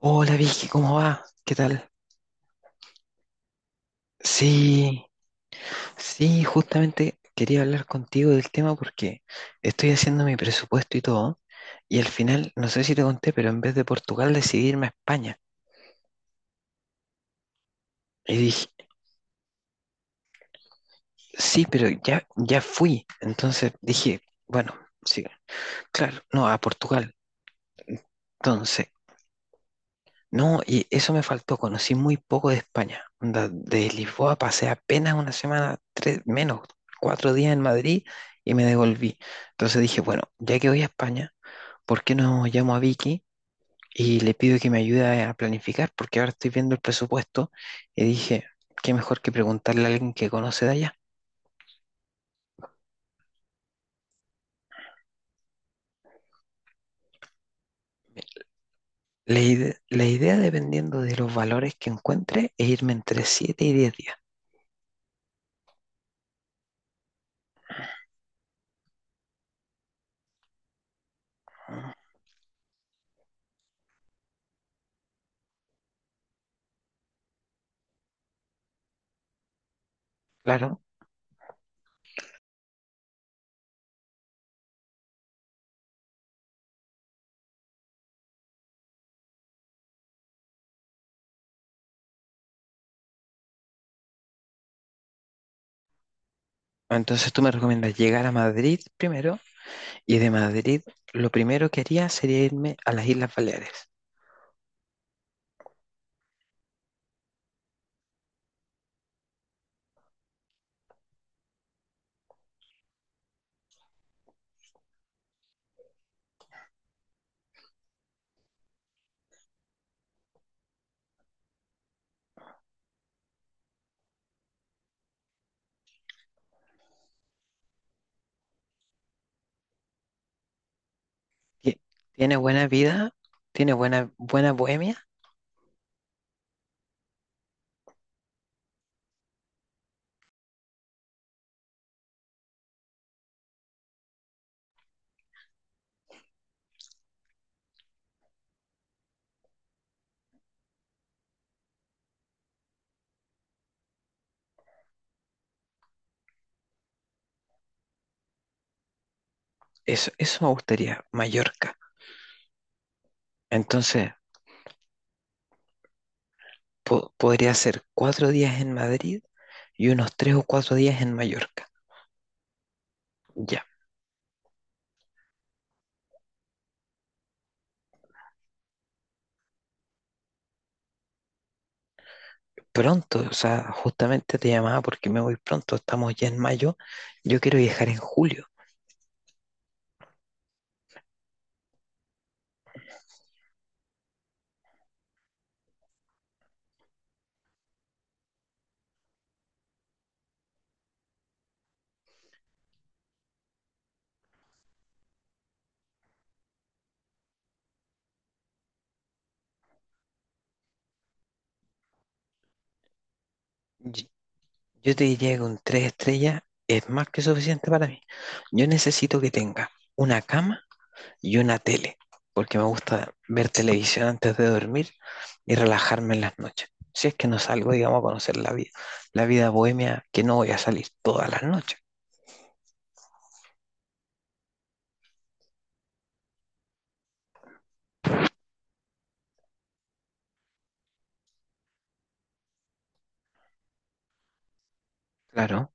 Hola Vicky, ¿cómo va? ¿Qué tal? Sí, sí, justamente quería hablar contigo del tema porque estoy haciendo mi presupuesto y todo, y al final, no sé si te conté, pero en vez de Portugal decidí irme a España. Y dije, sí, pero ya fui. Entonces dije, bueno, sí, claro, no, a Portugal. Entonces. No, y eso me faltó, conocí muy poco de España. Onda, de Lisboa pasé apenas una semana, tres, menos, 4 días en Madrid y me devolví. Entonces dije, bueno, ya que voy a España, ¿por qué no llamo a Vicky y le pido que me ayude a planificar? Porque ahora estoy viendo el presupuesto y dije, qué mejor que preguntarle a alguien que conoce de allá. La idea, dependiendo de los valores que encuentre, es irme entre 7 y 10 días. Mm. Claro. Entonces tú me recomiendas llegar a Madrid primero. Y de Madrid, lo primero que haría sería irme a las Islas Baleares. Ti- Tiene buena vida, tiene buena bohemia. Eso me gustaría, Mallorca. Entonces, podría ser 4 días en Madrid y unos 3 o 4 días en Mallorca. Ya, pronto, o sea, justamente te llamaba porque me voy pronto. Estamos ya en mayo. Yo quiero viajar en julio. Y- Yo te diría que con 3 estrellas es más que suficiente para mí. Yo necesito que tenga una cama y una tele, porque me gusta ver televisión antes de dormir y relajarme en las noches. Si es que no salgo, digamos, a conocer la vida bohemia, que no voy a salir todas las noches. Claro.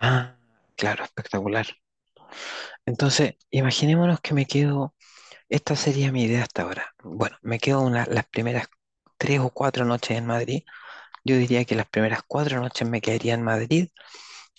Ah, claro, espectacular. Entonces, imaginémonos que me quedo, esta sería mi idea hasta ahora. Bueno, me quedo una, las primeras 3 o 4 noches en Madrid. Yo diría que las primeras 4 noches me quedaría en Madrid.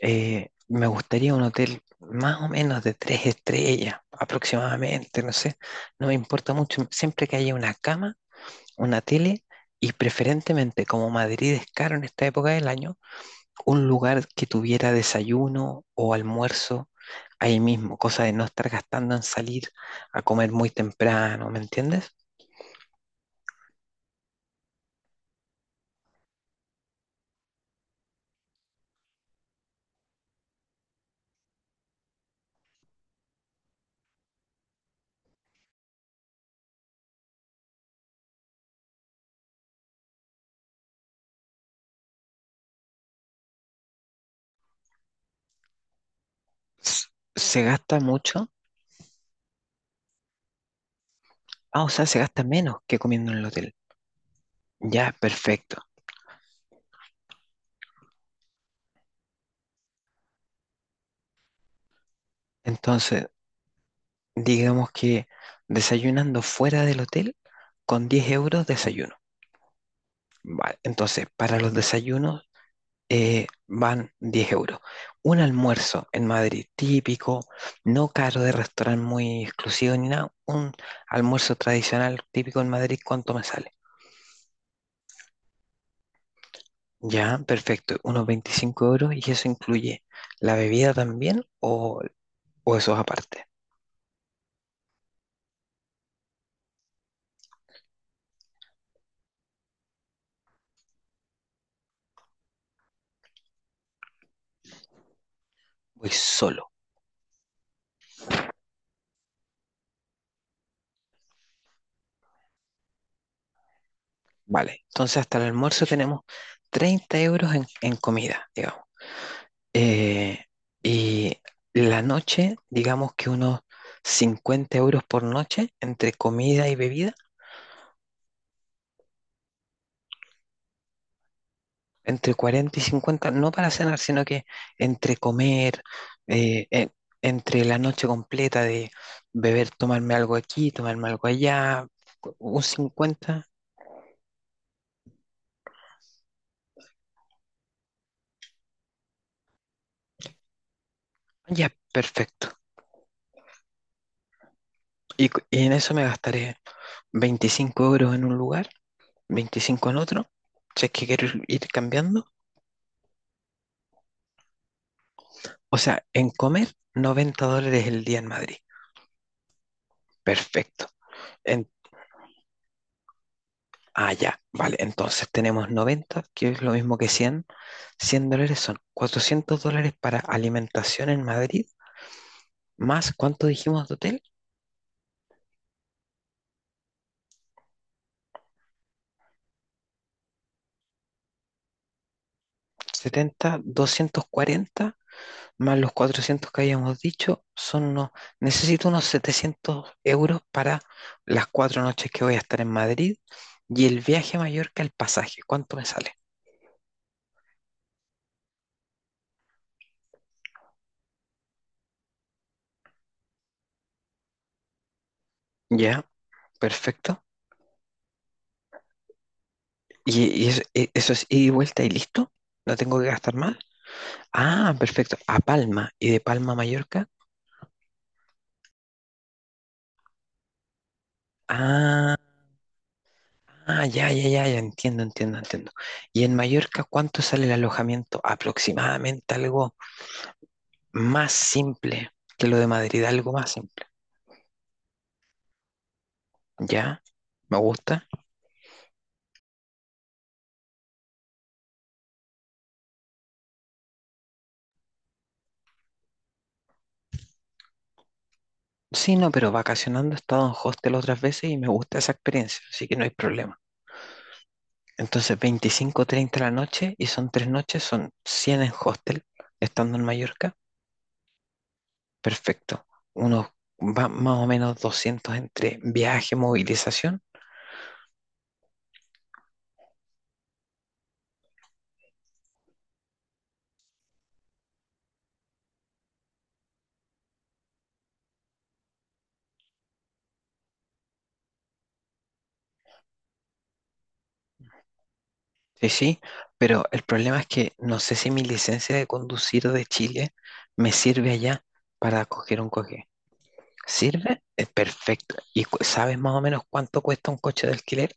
Me gustaría un hotel más o menos de 3 estrellas, aproximadamente, no sé. No me importa mucho. Siempre que haya una cama, una tele y preferentemente, como Madrid es caro en esta época del año, un lugar que tuviera desayuno o almuerzo ahí mismo, cosa de no estar gastando en salir a comer muy temprano, ¿me entiendes? S- Se gasta mucho. Ah, o sea, se gasta menos que comiendo en el hotel. Ya, perfecto. Entonces, digamos que desayunando fuera del hotel, con 10 euros desayuno. Vale, entonces, para los desayunos van 10 euros. Un almuerzo en Madrid típico, no caro de restaurante muy exclusivo ni nada. Un almuerzo tradicional típico en Madrid, ¿cuánto me sale? Ya, perfecto, unos 25 euros y eso incluye la bebida también o eso es aparte. Voy solo. Vale, entonces hasta el almuerzo tenemos 30 euros en comida, digamos. Eh, y la noche, digamos que unos 50 euros por noche entre comida y bebida, entre 40 y 50 no para cenar, sino que entre comer, eh, en- entre la noche completa de beber, tomarme algo aquí, tomarme algo allá, un 50. Ya perfecto. Y, y en eso me gastaré 25 euros en un lugar, 25 en otro, si es que quiero ir cambiando. O sea, en comer, 90 dólares el día en Madrid. Perfecto. En, ah, ya, vale. Entonces tenemos 90, que es lo mismo que 100. 100 dólares son 400 dólares para alimentación en Madrid, más, ¿cuánto dijimos de hotel? 70, 240, más los 400 que habíamos dicho, son unos, necesito unos 700 euros para las 4 noches que voy a estar en Madrid y el viaje a Mallorca, el pasaje, ¿cuánto me sale? Ya, perfecto. Y eso, eso es ida y vuelta y listo? ¿No tengo que gastar más? Ah, perfecto. A Palma. ¿Y de Palma a Mallorca? Ah, ah, ya, ya, ya, ya. Entiendo, entiendo, entiendo. ¿Y en Mallorca cuánto sale el alojamiento? Aproximadamente algo más simple que lo de Madrid, algo más simple. ¿Ya? ¿Me gusta? Sí, no, pero vacacionando he estado en hostel otras veces y me gusta esa experiencia, así que no hay problema. Entonces, 25 30 la noche y son 3 noches, son 100 en hostel, estando en Mallorca. Perfecto. Unos más o menos 200 entre viaje, movilización. Sí, sí, pero el problema es que no sé si mi licencia de conducir de Chile me sirve allá para coger un coche. ¿Sirve? Es perfecto. ¿Y sabes más o menos cuánto cuesta un coche de alquiler?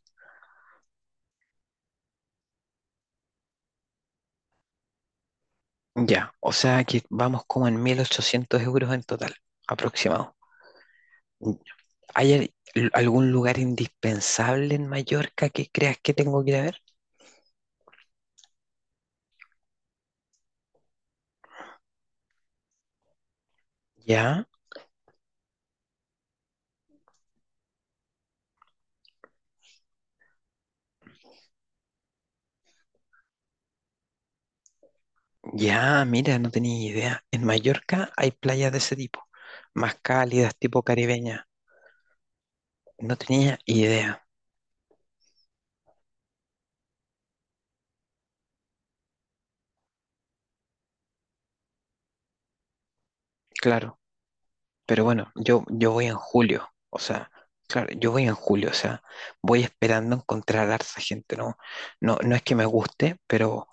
Ya, o sea que vamos como en 1800 euros en total, aproximado. Mm. ¿Hay algún lugar indispensable en Mallorca que creas que tengo que ir a ver? Ya. Ya, mira, no tenía idea. En Mallorca hay playas de ese tipo, más cálidas, tipo caribeña. No tenía idea, claro. Pero bueno, yo voy en julio, o sea, claro, yo voy en julio, o sea, voy esperando encontrar harta gente, ¿no? No, no es que me guste, pero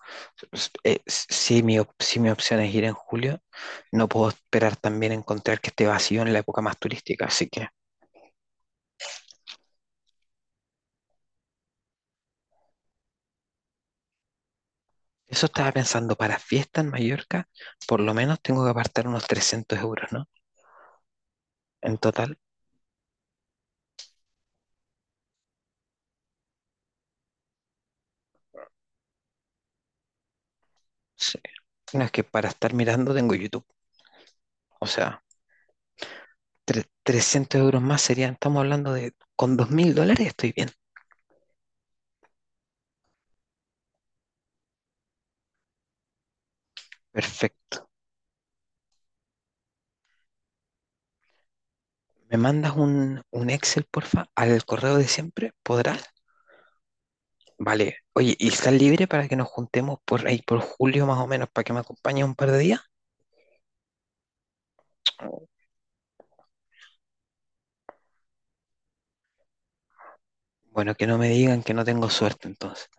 si mi opción es ir en julio, no puedo esperar también encontrar que esté vacío en la época más turística, así que… Eso estaba pensando, para fiesta en Mallorca, por lo menos tengo que apartar unos 300 euros, ¿no? En total, sí. No es que para estar mirando tengo YouTube. O sea, 300 euros más serían, estamos hablando de, con 2000 dólares estoy bien. Perfecto. ¿Me mandas un Excel, porfa, al correo de siempre? ¿Podrás? Vale. Oye, ¿y estás libre para que nos juntemos por ahí, por julio más o menos, para que me acompañes un par de días? Bueno, que no me digan que no tengo suerte entonces.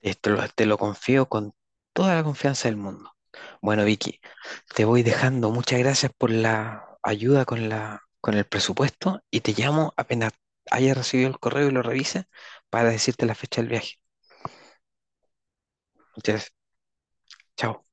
Esto lo- te lo confío con toda la confianza del mundo. Bueno, Vicky, te voy dejando. Muchas gracias por la ayuda con la, con el presupuesto y te llamo apenas haya recibido el correo y lo revise para decirte la fecha del viaje. Entonces, chao.